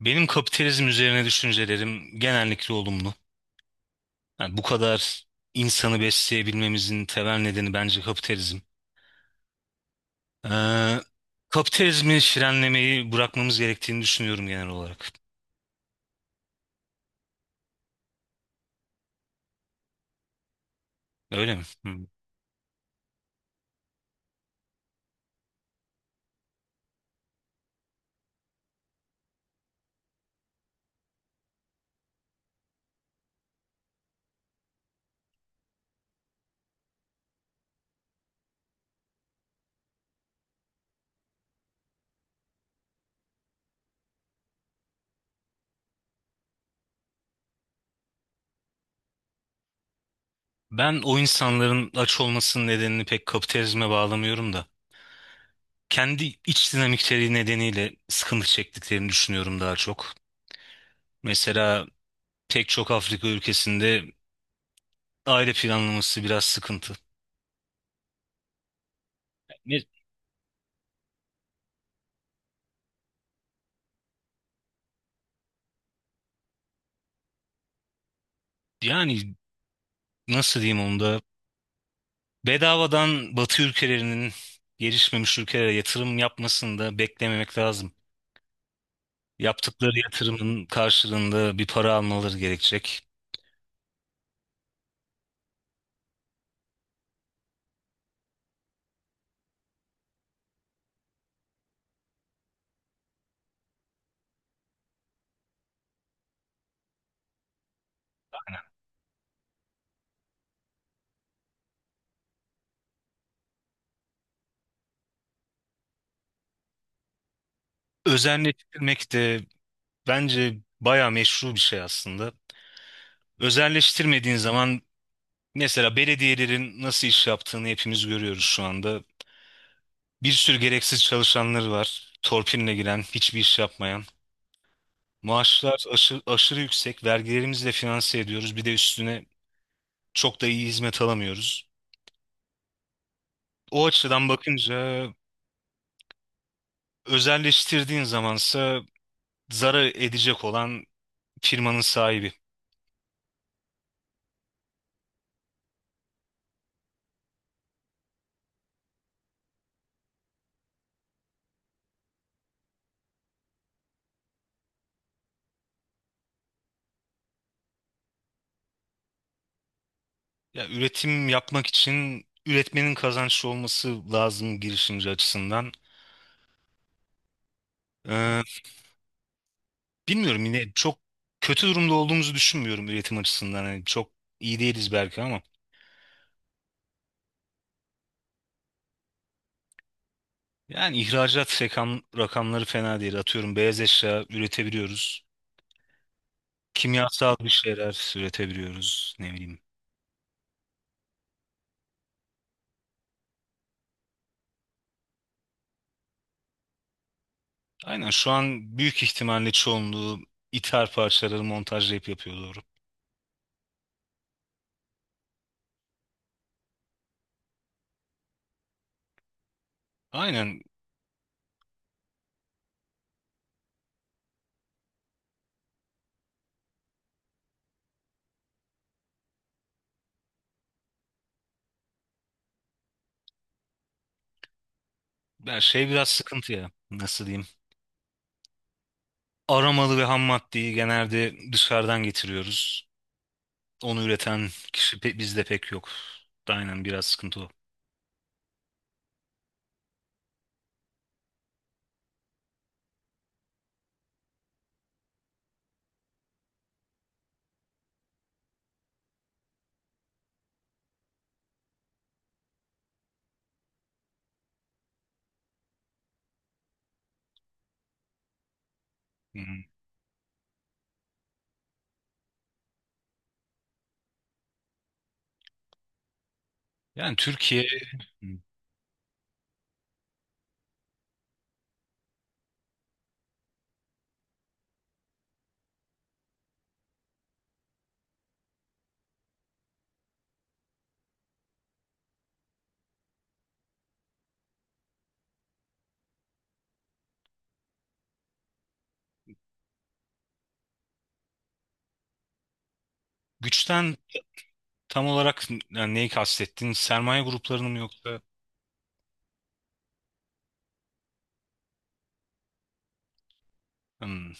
Benim kapitalizm üzerine düşüncelerim genellikle olumlu. Yani bu kadar insanı besleyebilmemizin temel nedeni bence kapitalizm. Ee, Kapitalizmi frenlemeyi bırakmamız gerektiğini düşünüyorum genel olarak. Öyle mi? Hı. Ben o insanların aç olmasının nedenini pek kapitalizme bağlamıyorum da. Kendi iç dinamikleri nedeniyle sıkıntı çektiklerini düşünüyorum daha çok. Mesela pek çok Afrika ülkesinde aile planlaması biraz sıkıntı. Ne- Yani nasıl diyeyim onu da? Bedavadan Batı ülkelerinin gelişmemiş ülkelere yatırım yapmasını da beklememek lazım. Yaptıkları yatırımın karşılığında bir para almaları gerekecek. Özelleştirmek de bence bayağı meşru bir şey aslında. Özelleştirmediğin zaman mesela belediyelerin nasıl iş yaptığını hepimiz görüyoruz şu anda. Bir sürü gereksiz çalışanları var. Torpiline giren, hiçbir iş yapmayan. Maaşlar aşırı yüksek, vergilerimizle finanse ediyoruz. Bir de üstüne çok da iyi hizmet alamıyoruz. O açıdan bakınca özelleştirdiğin zamansa zarar edecek olan firmanın sahibi. Ya üretim yapmak için üretmenin kazançlı olması lazım girişimci açısından. Ee, Bilmiyorum yine çok kötü durumda olduğumuzu düşünmüyorum üretim açısından. Yani çok iyi değiliz belki ama. Yani ihracat rakamları fena değil. Atıyorum beyaz eşya üretebiliyoruz. Kimyasal bir şeyler üretebiliyoruz. Ne bileyim. Aynen, şu an büyük ihtimalle çoğunluğu ithal parçaları montajlayıp yapıyor doğru. Aynen, ya şey biraz sıkıntı ya nasıl diyeyim. Aramalı ve ham maddeyi genelde dışarıdan getiriyoruz. Onu üreten kişi bizde pek yok. Aynen biraz sıkıntı o. Hı. Yani Türkiye hmm, güçten tam olarak yani neyi kastettin? Sermaye gruplarını mı, yoksa hmm,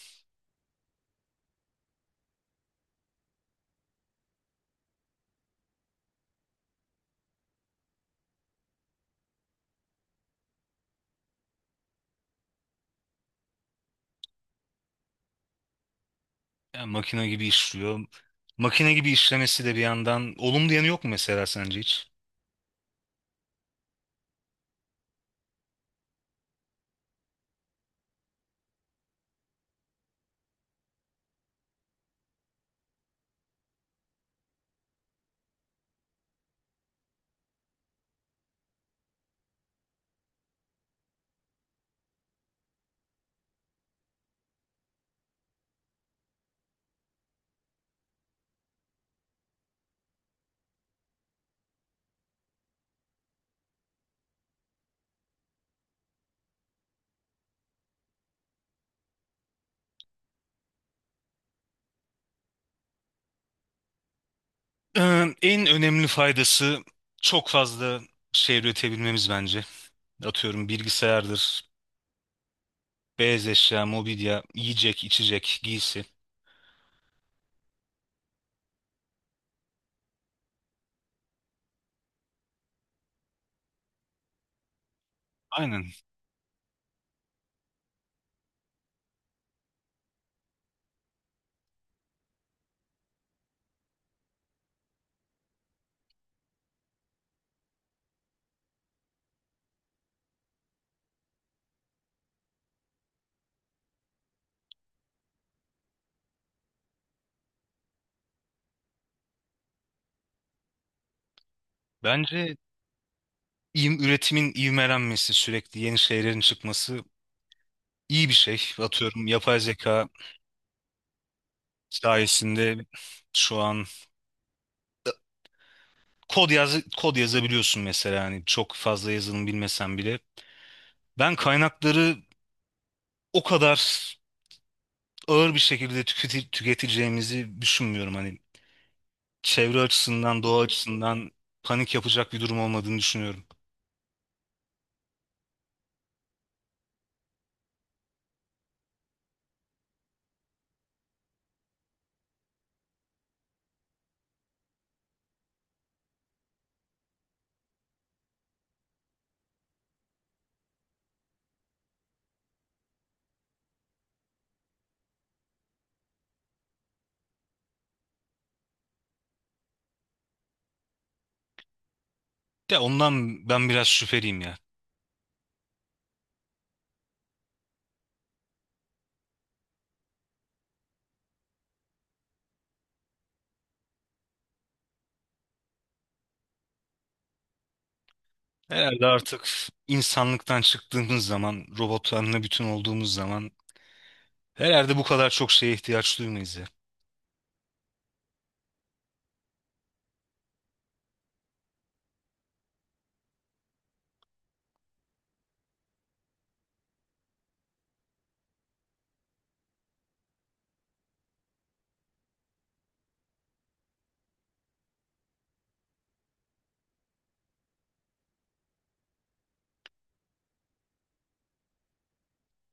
ya makine gibi işliyor. Makine gibi işlemesi de bir yandan olumlu yanı yok mu mesela sence hiç? En önemli faydası çok fazla şey üretebilmemiz bence. Atıyorum bilgisayardır, beyaz eşya, mobilya, yiyecek, içecek, giysi. Aynen. Bence üretimin ivmelenmesi, sürekli yeni şeylerin çıkması iyi bir şey. Atıyorum yapay zeka sayesinde şu an kod yazabiliyorsun mesela hani çok fazla yazılım bilmesen bile. Ben kaynakları o kadar ağır bir şekilde tüketeceğimizi düşünmüyorum hani çevre açısından, doğa açısından panik yapacak bir durum olmadığını düşünüyorum. Ya ondan ben biraz şüpheliyim ya. Herhalde artık insanlıktan çıktığımız zaman, robotlarla bütün olduğumuz zaman herhalde bu kadar çok şeye ihtiyaç duymayız ya.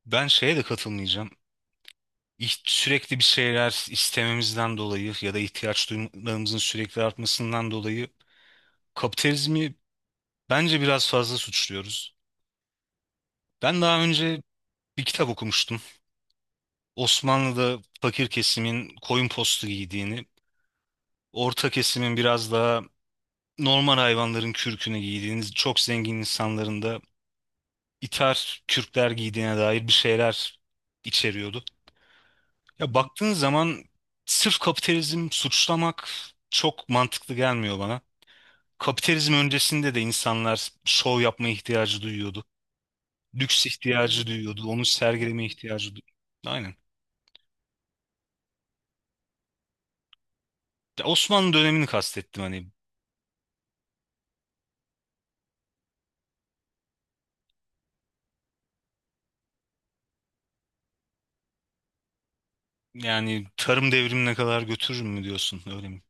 Ben şeye de katılmayacağım. Sürekli bir şeyler istememizden dolayı ya da ihtiyaç duymalarımızın sürekli artmasından dolayı kapitalizmi bence biraz fazla suçluyoruz. Ben daha önce bir kitap okumuştum. Osmanlı'da fakir kesimin koyun postu giydiğini, orta kesimin biraz daha normal hayvanların kürkünü giydiğini, çok zengin insanların da iter kürkler giydiğine dair bir şeyler içeriyordu. Ya baktığın zaman sırf kapitalizm suçlamak çok mantıklı gelmiyor bana. Kapitalizm öncesinde de insanlar şov yapma ihtiyacı duyuyordu. Lüks ihtiyacı duyuyordu. Onu sergileme ihtiyacı duyuyordu. Aynen. Ya Osmanlı dönemini kastettim hani. Yani tarım devrimine kadar götürür mü diyorsun, öyle mi?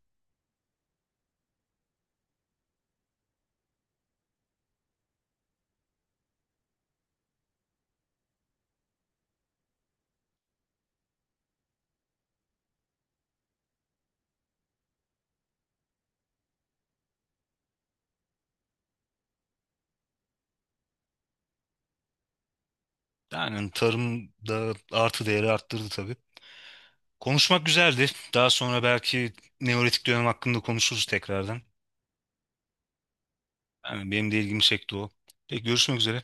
Yani tarım da artı değeri arttırdı tabii. Konuşmak güzeldi. Daha sonra belki Neolitik dönem hakkında konuşuruz tekrardan. Yani benim de ilgimi çekti o. Peki, görüşmek üzere.